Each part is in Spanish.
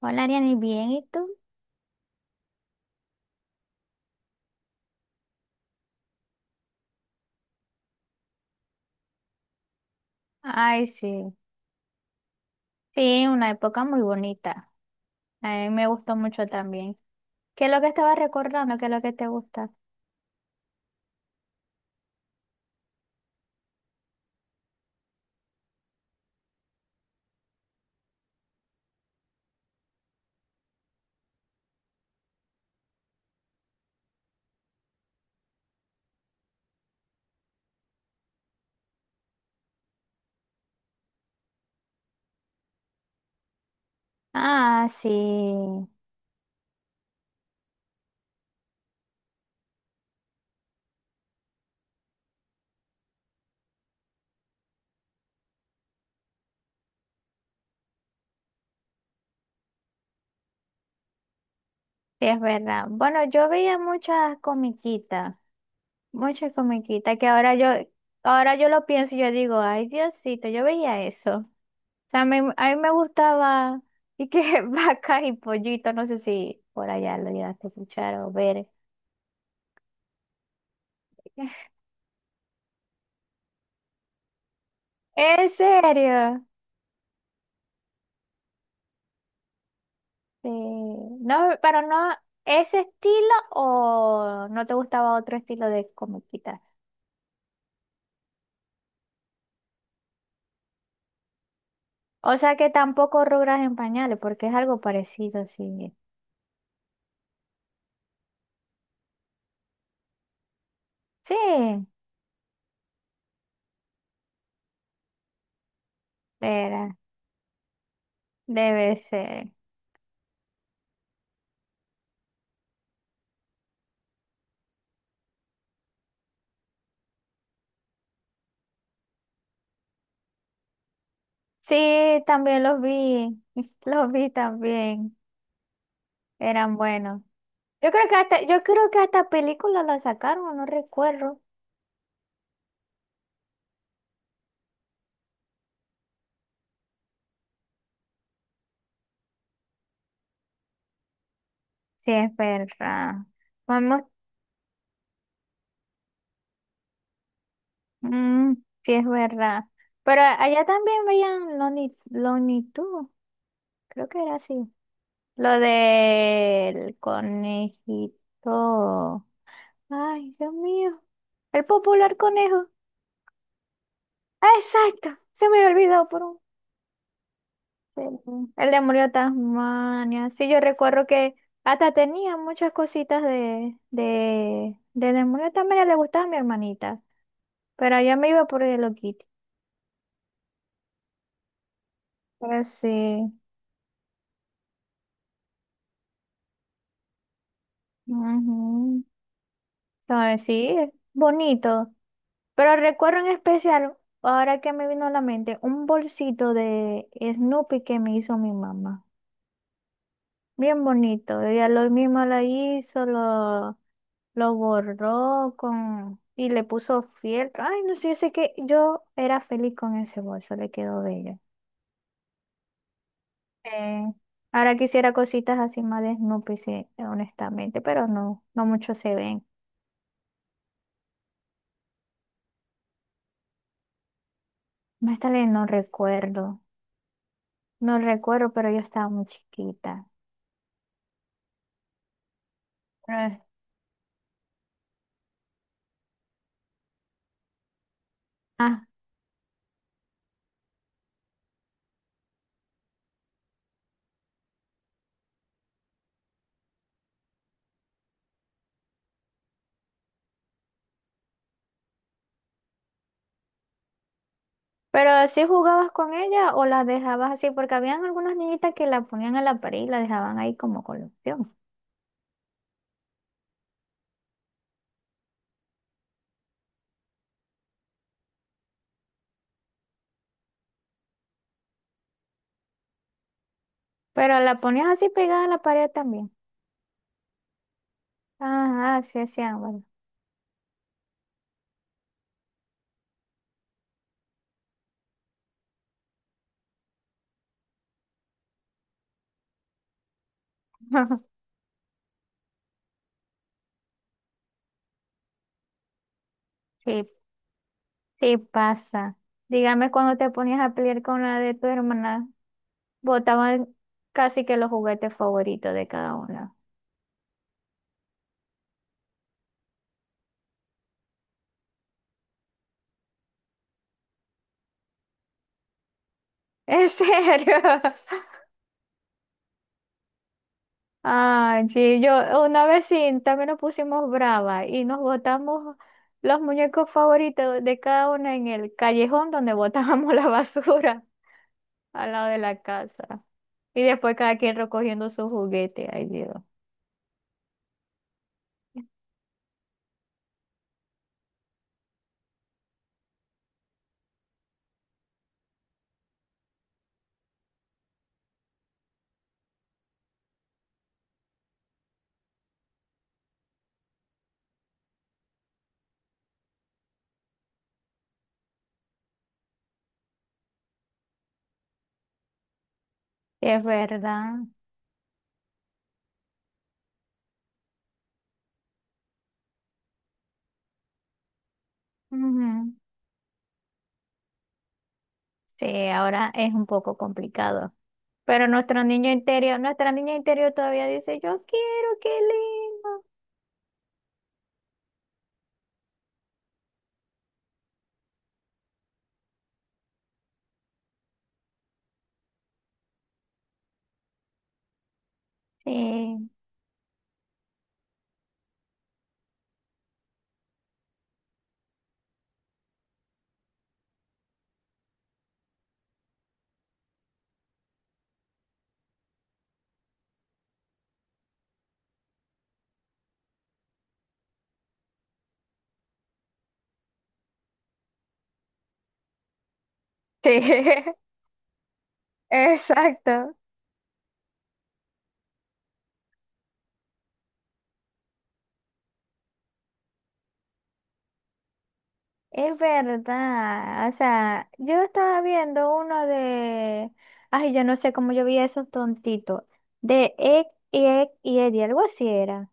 Hola, Ariani, ¿bien? ¿Y tú? Ay, sí. Sí, una época muy bonita. A mí me gustó mucho también. ¿Qué es lo que estaba recordando? ¿Qué es lo que te gusta? Ah, sí. Sí, es verdad. Bueno, yo veía muchas comiquitas que ahora yo lo pienso y yo digo, ay, Diosito, yo veía eso. O sea, a mí me gustaba y que vacas y pollitos, no sé si por allá lo llegaste a escuchar o ver. ¿En serio? Sí, no, pero no ese estilo o no te gustaba otro estilo de comiquitas. O sea que tampoco Rubras en pañales, porque es algo parecido, sí. Sí, era, debe ser. Sí, también los vi, los vi también, eran buenos. Yo creo que hasta, yo creo que hasta película la sacaron, no recuerdo. Sí, es verdad. Vamos, mm, sí es verdad. Pero allá también veían Lonnie, Lonnie Tunes. Creo que era así. Lo del conejito. Ay, Dios mío. El popular conejo. Ah, exacto. Se me había olvidado por un segundo. El demonio de Tasmania. Sí, yo recuerdo que hasta tenía muchas cositas de, demonio de Tasmania. Le gustaba a mi hermanita. Pero allá me iba por el Hello Kitty. Pero sí. Ujú. Entonces, sí, es bonito. Pero recuerdo en especial, ahora que me vino a la mente, un bolsito de Snoopy que me hizo mi mamá. Bien bonito. Ella lo mismo lo hizo, lo borró con y le puso fieltro. Ay, no sé, yo sé que yo era feliz con ese bolso, le quedó bello. Eh, Ahora quisiera cositas así más de Snoopy, sí, honestamente, pero no, no mucho se ven. Más tarde no recuerdo, no recuerdo, pero yo estaba muy chiquita. Ah, ¿pero si jugabas con ella o las dejabas así? Porque habían algunas niñitas que la ponían a la pared y la dejaban ahí como colección. Pero la ponías así pegada a la pared también. Ajá, sí hacían, bueno. Sí, sí pasa. Dígame cuando te ponías a pelear con la de tu hermana, botaban casi que los juguetes favoritos de cada una. ¿En serio? Ay, sí, yo una vez sí, también nos pusimos brava y nos botamos los muñecos favoritos de cada una en el callejón donde botábamos la basura al lado de la casa. Y después cada quien recogiendo su juguete, ay Dios. Es verdad. Ujú. Sí, ahora es un poco complicado. Pero nuestro niño interior, nuestra niña interior todavía dice, yo quiero, qué lindo. Sí. Sí, exacto. Es verdad, o sea, yo estaba viendo uno de, ay, yo no sé cómo yo vi esos tontitos, de Egg y Ed y Eddie, algo así era.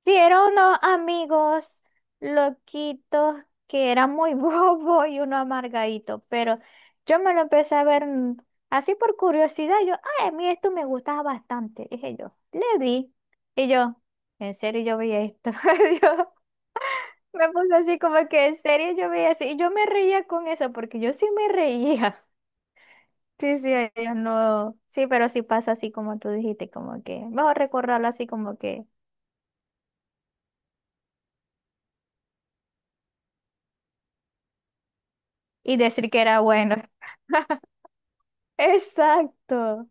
Sí, eran unos amigos loquitos que eran muy bobos y uno amargadito, pero yo me lo empecé a ver así por curiosidad, yo, ay, a mí esto me gustaba bastante, dije yo, le di, y yo, en serio yo vi esto, me puse así como que en serio yo veía así, y yo me reía con eso, porque yo sí me reía. Sí, sí, ellos no. Sí, pero sí pasa así como tú dijiste, como que, vamos a recordarlo así como que, y decir que era bueno. Exacto.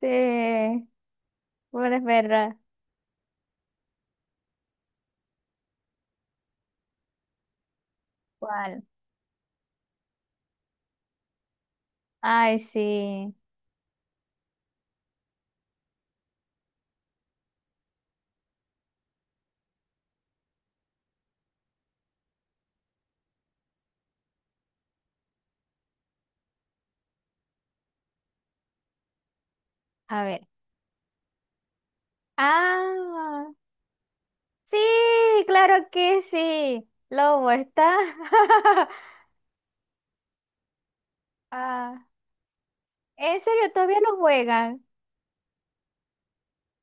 Sí, bueno, es verdad. ¿Cuál? Ay, sí. A ver. Ah, sí, claro que sí. Lobo está. Ah, ¿en serio todavía no juegan?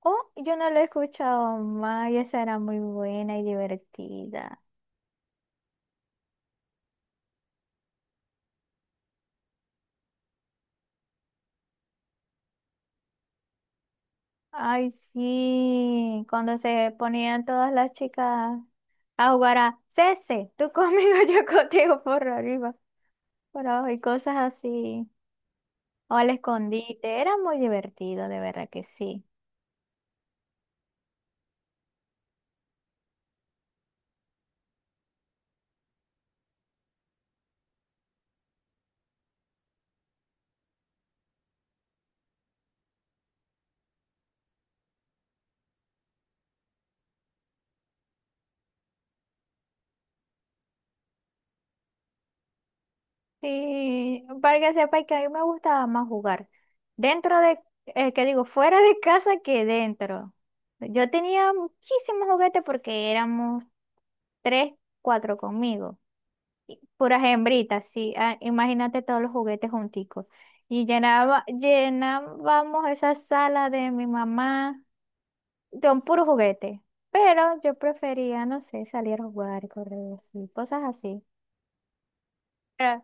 Oh, yo no la he escuchado más y esa era muy buena y divertida. Ay, sí, cuando se ponían todas las chicas a jugar a Cese, tú conmigo, yo contigo por arriba, por abajo y cosas así. O al escondite, era muy divertido, de verdad que sí. Sí, para que sepáis que a mí me gustaba más jugar dentro de, que digo, fuera de casa que dentro. Yo tenía muchísimos juguetes porque éramos tres, cuatro conmigo. Puras hembritas, sí. Ah, imagínate todos los juguetes junticos. Y llenaba, llenábamos esa sala de mi mamá con puros juguetes. Pero yo prefería, no sé, salir a jugar, correr así, cosas así. Ah,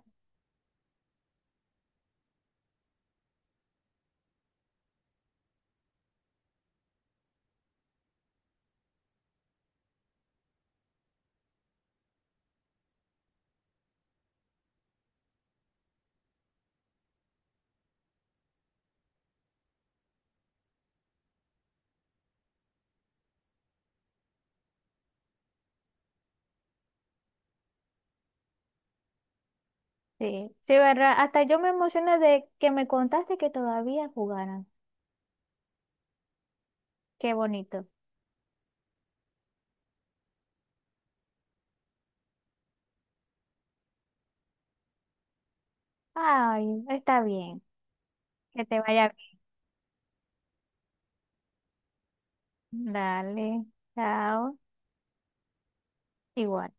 sí, sí, ¿verdad? Hasta yo me emocioné de que me contaste que todavía jugaran. Qué bonito. Ay, está bien. Que te vaya bien. Dale, chao. Igual.